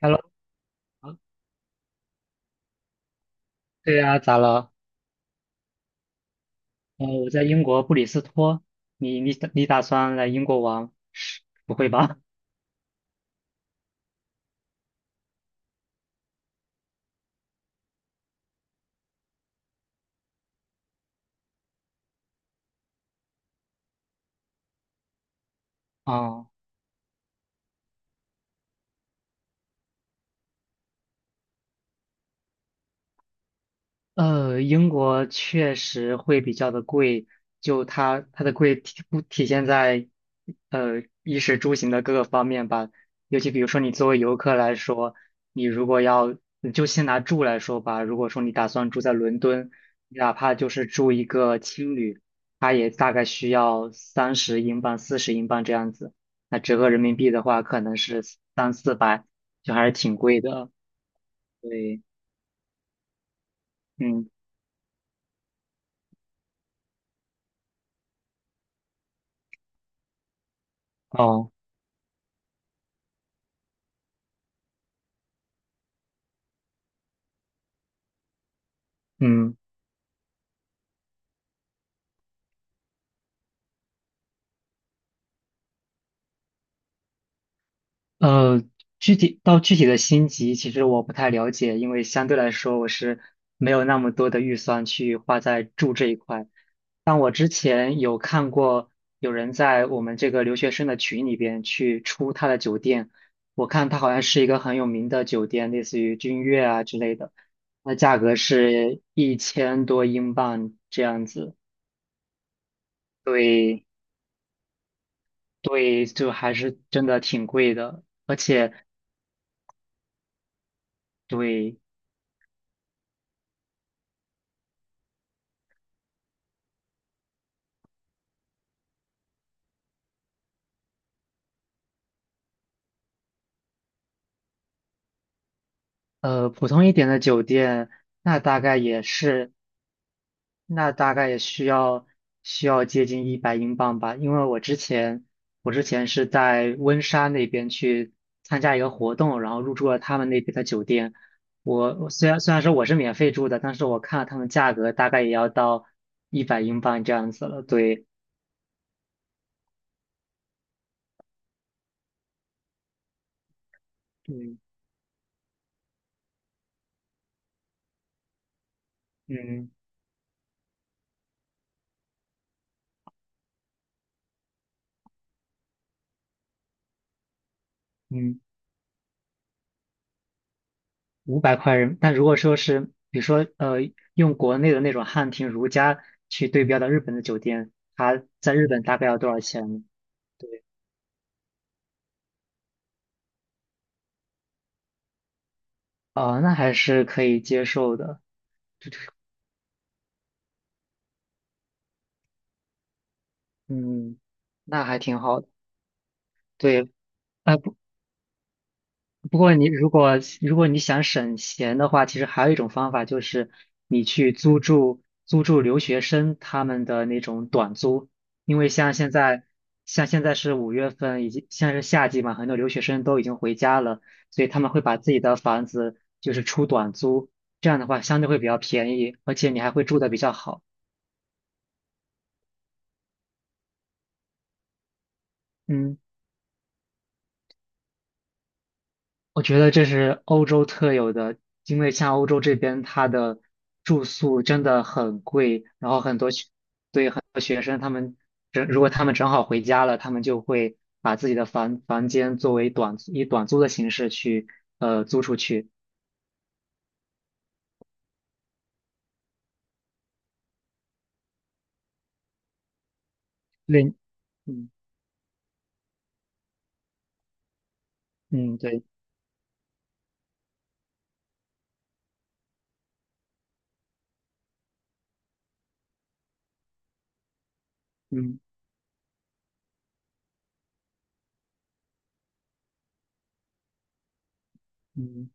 Hello，啊对呀，咋了？我在英国布里斯托。你打算来英国玩？是不会吧？哦。英国确实会比较的贵，就它的贵体不体现在，衣食住行的各个方面吧。尤其比如说你作为游客来说，你如果要，你就先拿住来说吧。如果说你打算住在伦敦，你哪怕就是住一个青旅，它也大概需要30英镑、40英镑这样子。那折合人民币的话，可能是三四百，就还是挺贵的。对。嗯。哦。嗯。呃，具体到具体的星级，其实我不太了解，因为相对来说我是没有那么多的预算去花在住这一块。但我之前有看过有人在我们这个留学生的群里边去出他的酒店，我看他好像是一个很有名的酒店，类似于君悦啊之类的，那价格是一千多英镑这样子。对。对，就还是真的挺贵的，而且对。普通一点的酒店，那大概也是，那大概也需要接近一百英镑吧。因为我之前是在温莎那边去参加一个活动，然后入住了他们那边的酒店。我我虽然说我是免费住的，但是我看了他们价格，大概也要到一百英镑这样子了。对。对。嗯嗯。五百块人，但如果说是比如说用国内的那种汉庭如家去对标到日本的酒店，它在日本大概要多少钱。对。哦，那还是可以接受的。嗯，那还挺好的。对。啊、不过你如果你想省钱的话，其实还有一种方法就是你去租住留学生他们的那种短租，因为像现在是五月份，已经在是夏季嘛，很多留学生都已经回家了，所以他们会把自己的房子就是出短租，这样的话相对会比较便宜，而且你还会住的比较好。嗯。我觉得这是欧洲特有的，因为像欧洲这边，它的住宿真的很贵，然后很多学，对很多学生，他们正如果他们正好回家了，他们就会把自己的房间作为短租的形式去租出去。对。嗯嗯。对。嗯嗯。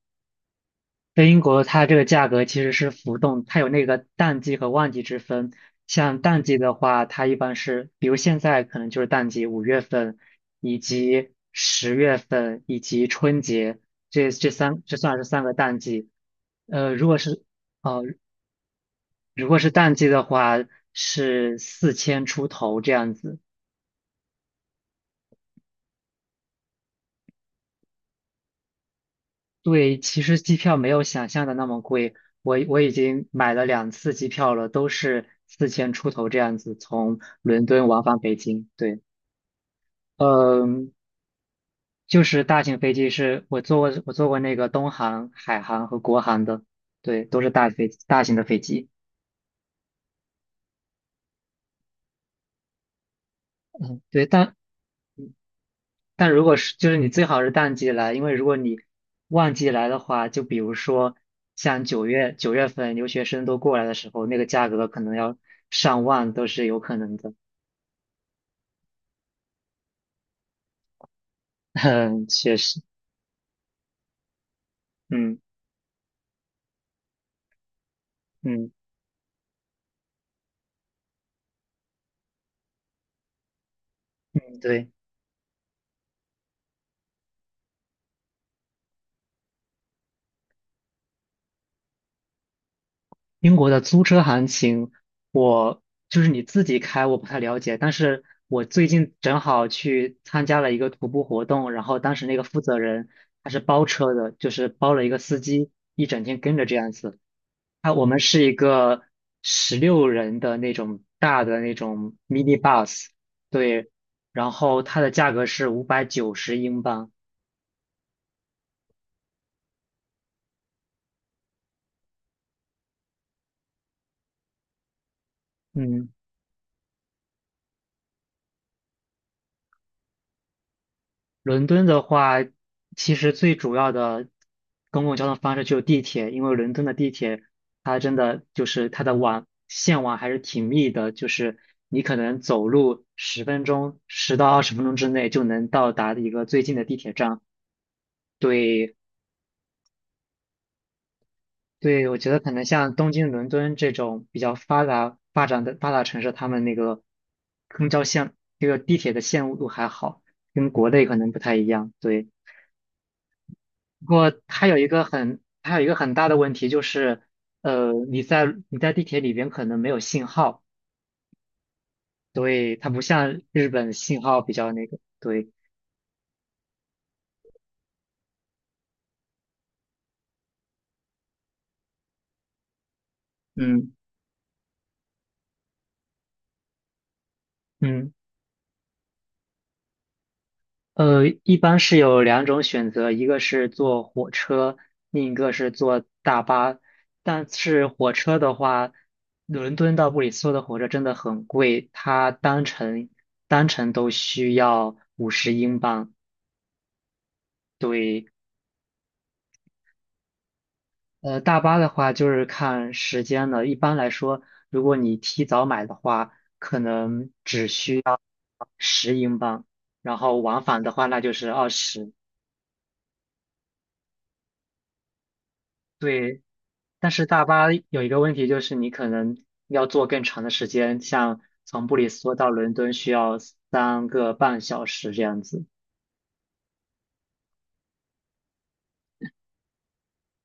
在英国，它这个价格其实是浮动，它有那个淡季和旺季之分。像淡季的话，它一般是，比如现在可能就是淡季，五月份，以及10月份，以及春节，这算是三个淡季。呃，如果是呃如果是淡季的话，是四千出头这样子。对，其实机票没有想象的那么贵，我已经买了2次机票了，都是四千出头这样子，从伦敦往返北京。对。嗯，就是大型飞机是我坐过，我坐过那个东航、海航和国航的。对，都是大型的飞机。对，但如果是就是你最好是淡季来，因为如果你旺季来的话，就比如说像9月份留学生都过来的时候，那个价格可能要上万都是有可能的。嗯，确实。嗯嗯。嗯。对，英国的租车行情，我就是你自己开，我不太了解，但是我最近正好去参加了一个徒步活动，然后当时那个负责人他是包车的，就是包了一个司机，一整天跟着这样子。他我们是一个16人的那种大的那种 mini bus。对，然后它的价格是590英镑。嗯。伦敦的话，其实最主要的公共交通方式就是地铁，因为伦敦的地铁它真的就是它的网线网还是挺密的，就是你可能走路十分钟，10到20分钟之内就能到达一个最近的地铁站。对。对，我觉得可能像东京、伦敦这种比较发达、发展的发达城市，他们那个公交线、这个地铁的线路还好，跟国内可能不太一样。对。不过它有一个很，它有一个很大的问题就是，你在地铁里边可能没有信号，所以它不像日本信号比较那个。对。嗯嗯。一般是有两种选择，一个是坐火车，另一个是坐大巴。但是火车的话，伦敦到布里斯托的火车真的很贵，它单程都需要50英镑。对。大巴的话就是看时间的。一般来说，如果你提早买的话，可能只需十英镑，然后往返的话那就是二十。对，但是大巴有一个问题就是你可能要坐更长的时间，像从布里斯托到伦敦需要3个半小时这样子。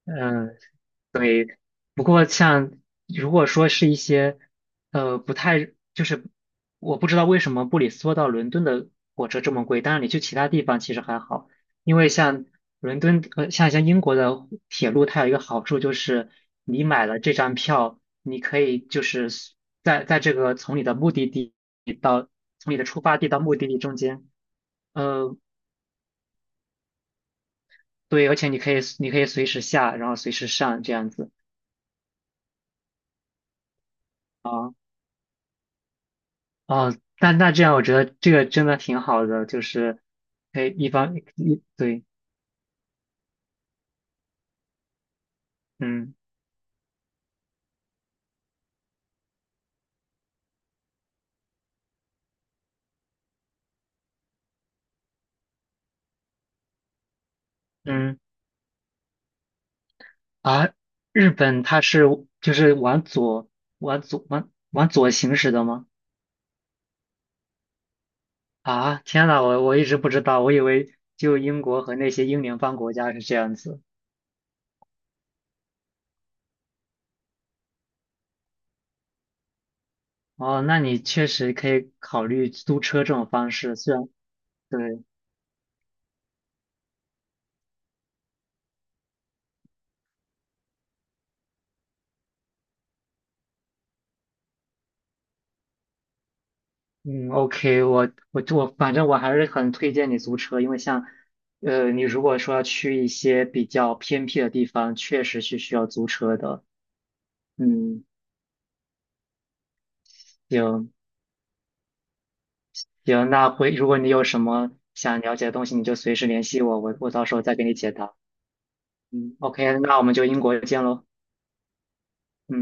嗯。对。不过像如果说是一些，不太就是我不知道为什么布里斯托到伦敦的火车这么贵，当然你去其他地方其实还好，因为像伦敦像英国的铁路，它有一个好处就是你买了这张票，你可以就是在这个从你的目的地到从你的出发地到目的地中间。呃，对，而且你可以随时下，然后随时上这样子。啊。哦，那那这样，我觉得这个真的挺好的，就是可以一方一对。嗯嗯。啊，日本它是就是往左行驶的吗？啊，天呐，我一直不知道，我以为就英国和那些英联邦国家是这样子。哦，那你确实可以考虑租车这种方式，虽然对。嗯。OK,我反正我还是很推荐你租车，因为像，你如果说要去一些比较偏僻的地方，确实是需要租车的。嗯，行行，那回如果你有什么想了解的东西，你就随时联系我，我到时候再给你解答。嗯，OK,那我们就英国见喽。嗯。